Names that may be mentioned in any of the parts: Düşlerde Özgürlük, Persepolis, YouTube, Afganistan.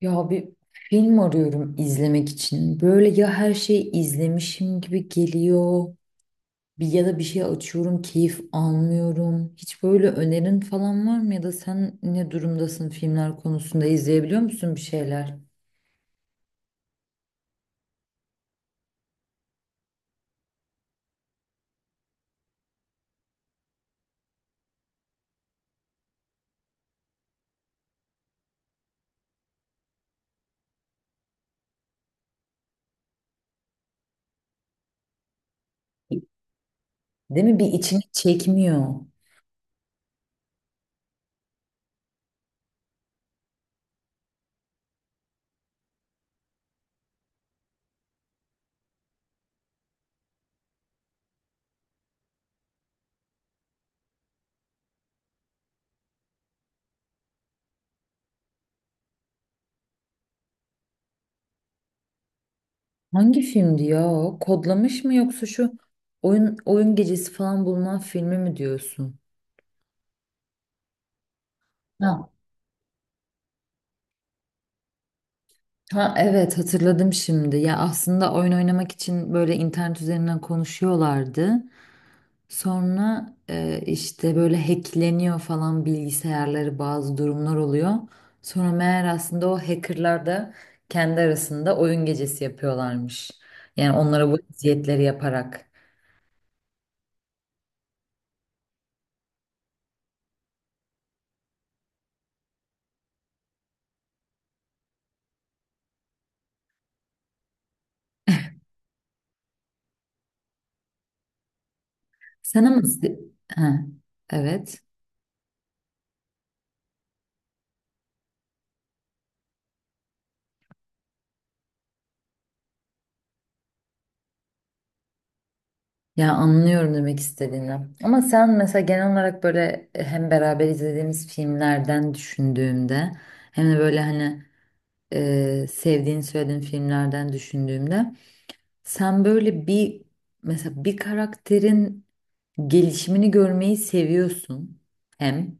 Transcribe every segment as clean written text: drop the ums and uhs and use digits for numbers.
Ya bir film arıyorum izlemek için. Böyle ya her şeyi izlemişim gibi geliyor. Bir ya da bir şey açıyorum, keyif almıyorum. Hiç böyle önerin falan var mı, ya da sen ne durumdasın filmler konusunda, izleyebiliyor musun bir şeyler? Değil mi? Bir, içini çekmiyor. Hangi filmdi ya? Kodlamış mı, yoksa şu oyun gecesi falan bulunan filmi mi diyorsun? Ha, ha, evet, hatırladım şimdi. Ya aslında oyun oynamak için böyle internet üzerinden konuşuyorlardı. Sonra işte böyle hackleniyor falan bilgisayarları, bazı durumlar oluyor. Sonra meğer aslında o hackerlar da kendi arasında oyun gecesi yapıyorlarmış. Yani onlara bu eziyetleri yaparak. Sen ama... Ha, evet. Ya, anlıyorum demek istediğini. Ama sen mesela genel olarak böyle hem beraber izlediğimiz filmlerden düşündüğümde, hem de böyle hani sevdiğini söylediğin filmlerden düşündüğümde, sen böyle bir, mesela bir karakterin gelişimini görmeyi seviyorsun hem.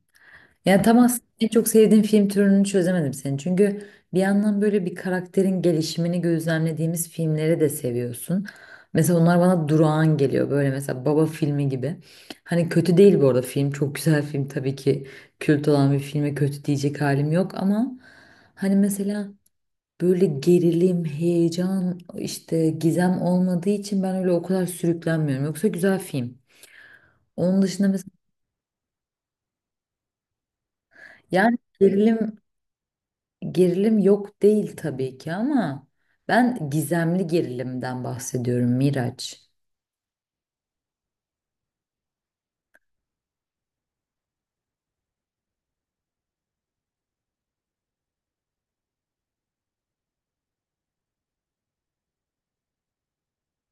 Yani tam aslında en çok sevdiğim film türünü çözemedim senin. Çünkü bir yandan böyle bir karakterin gelişimini gözlemlediğimiz filmleri de seviyorsun. Mesela onlar bana durağan geliyor. Böyle mesela Baba filmi gibi. Hani kötü değil bu arada film. Çok güzel film tabii ki. Kült olan bir filme kötü diyecek halim yok ama hani mesela böyle gerilim, heyecan, işte gizem olmadığı için ben öyle o kadar sürüklenmiyorum. Yoksa güzel film. Onun dışında mesela, yani gerilim. Yok değil tabii ki ama ben gizemli gerilimden bahsediyorum Miraç.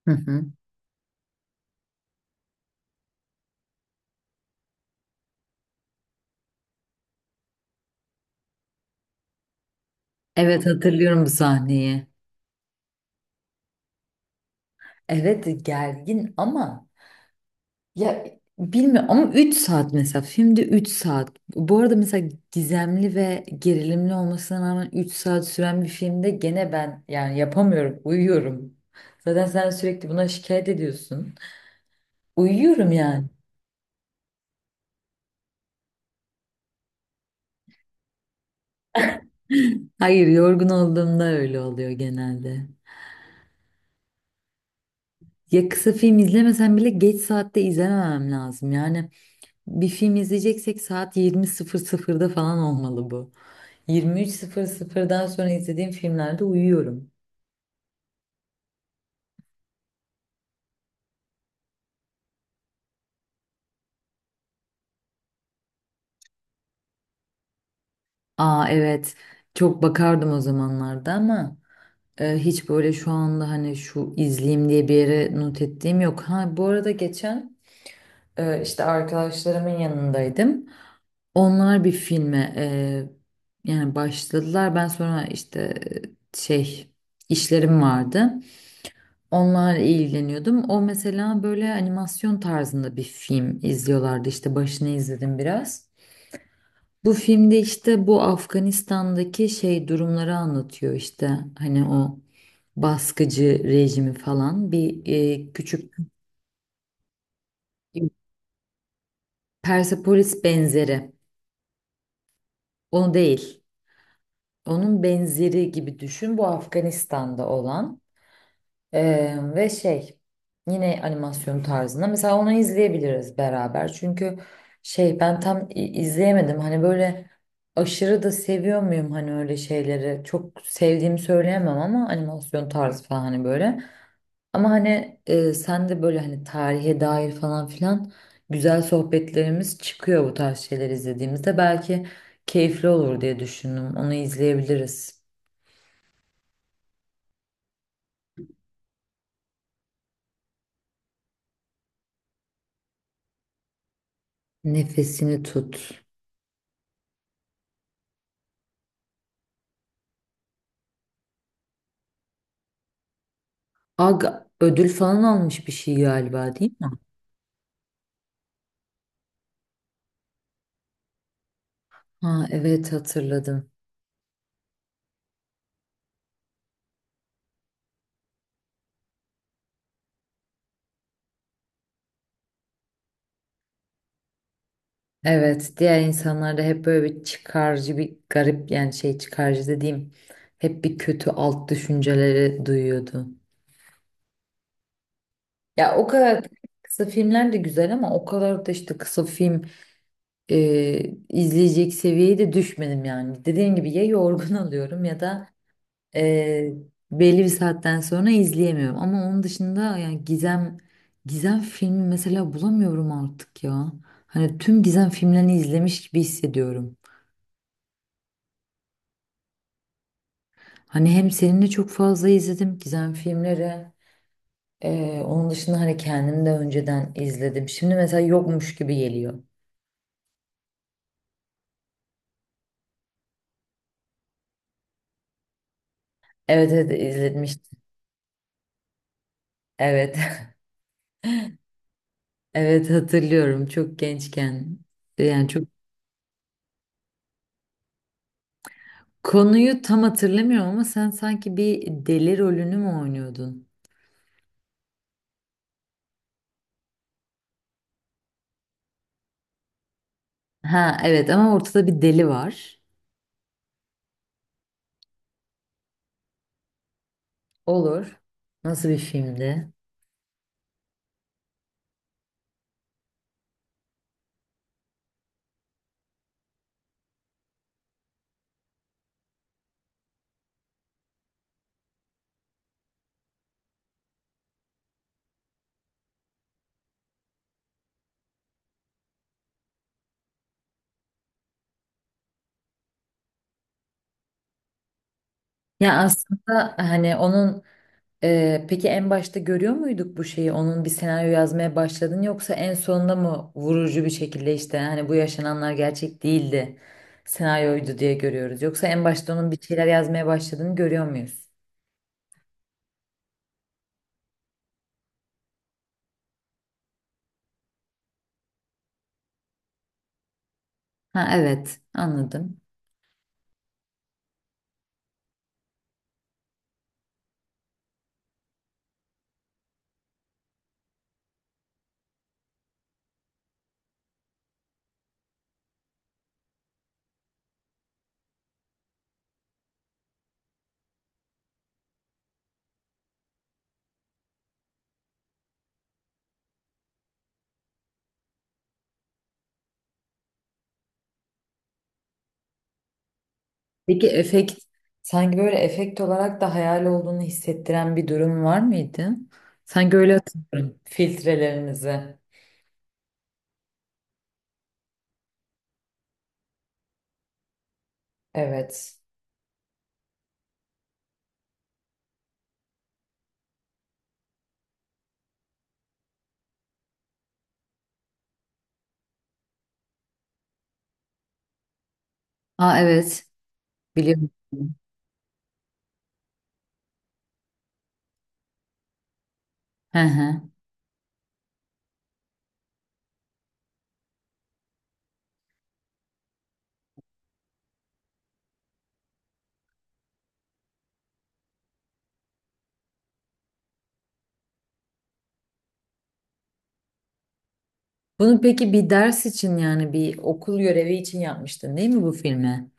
Hı hı. Evet, hatırlıyorum bu sahneyi. Evet, gergin ama, ya, bilmiyorum, ama 3 saat mesela, filmde 3 saat. Bu arada mesela gizemli ve gerilimli olmasına rağmen 3 saat süren bir filmde gene ben yani yapamıyorum, uyuyorum. Zaten sen sürekli buna şikayet ediyorsun. Uyuyorum yani. Hayır, yorgun olduğumda öyle oluyor genelde. Ya kısa film izlemesem bile geç saatte izlememem lazım. Yani bir film izleyeceksek saat 20.00'da falan olmalı bu. 23.00'dan sonra izlediğim filmlerde uyuyorum. Aa evet, çok bakardım o zamanlarda ama hiç böyle şu anda hani şu izleyeyim diye bir yere not ettiğim yok. Ha, bu arada geçen işte arkadaşlarımın yanındaydım. Onlar bir filme yani başladılar. Ben sonra işte şey, işlerim vardı. Onlarla ilgileniyordum. O mesela böyle animasyon tarzında bir film izliyorlardı. İşte başını izledim biraz. Bu filmde işte bu Afganistan'daki şey durumları anlatıyor işte, hani o baskıcı rejimi falan, bir küçük Persepolis benzeri. Onu değil. Onun benzeri gibi düşün. Bu Afganistan'da olan. Ve şey, yine animasyon tarzında, mesela onu izleyebiliriz beraber çünkü ben tam izleyemedim, hani böyle aşırı da seviyor muyum, hani öyle şeyleri çok sevdiğimi söyleyemem ama animasyon tarzı falan hani böyle, ama hani sen de böyle hani tarihe dair falan filan güzel sohbetlerimiz çıkıyor bu tarz şeyler izlediğimizde, belki keyifli olur diye düşündüm, onu izleyebiliriz. Nefesini tut. Ag ödül falan almış bir şey galiba, değil mi? Ha evet, hatırladım. Evet, diğer insanlar da hep böyle bir çıkarcı, bir garip, yani şey, çıkarcı dediğim, hep bir kötü alt düşünceleri duyuyordu. Ya o kadar kısa filmler de güzel ama o kadar da işte kısa film e, izleyecek seviyeye de düşmedim yani. Dediğim gibi, ya yorgun alıyorum, ya da Ee, belli bir saatten sonra izleyemiyorum. Ama onun dışında yani gizem filmi mesela bulamıyorum artık ya. Hani tüm gizem filmlerini izlemiş gibi hissediyorum. Hani hem seninle çok fazla izledim gizem filmleri. Onun dışında hani kendim de önceden izledim. Şimdi mesela yokmuş gibi geliyor. Evet, evet, izletmiştim. Evet. Evet, hatırlıyorum, çok gençken. Yani çok, konuyu tam hatırlamıyorum ama sen sanki bir deli rolünü mü oynuyordun? Ha evet, ama ortada bir deli var. Olur. Nasıl bir filmdi? Ya aslında hani onun, peki en başta görüyor muyduk bu şeyi? Onun bir senaryo yazmaya başladın, yoksa en sonunda mı vurucu bir şekilde işte, hani bu yaşananlar gerçek değildi, senaryoydu diye görüyoruz? Yoksa en başta onun bir şeyler yazmaya başladığını görüyor muyuz? Ha, evet. Anladım. Peki efekt, sanki böyle efekt olarak da hayal olduğunu hissettiren bir durum var mıydı? Sanki öyle hatırlıyorum, filtrelerinizi. Evet. Aa evet. Biliyorum. Hı hı. Bunu peki bir ders için, yani bir okul görevi için yapmıştın değil mi bu filmi?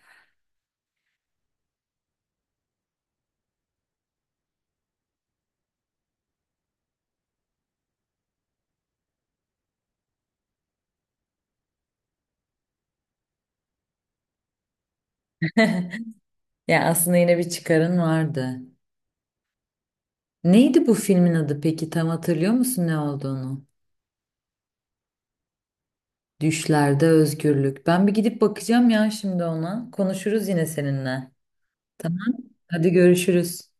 Yani aslında yine bir çıkarın vardı. Neydi bu filmin adı peki? Tam hatırlıyor musun ne olduğunu? Düşlerde Özgürlük. Ben bir gidip bakacağım ya şimdi ona. Konuşuruz yine seninle. Tamam. Hadi görüşürüz.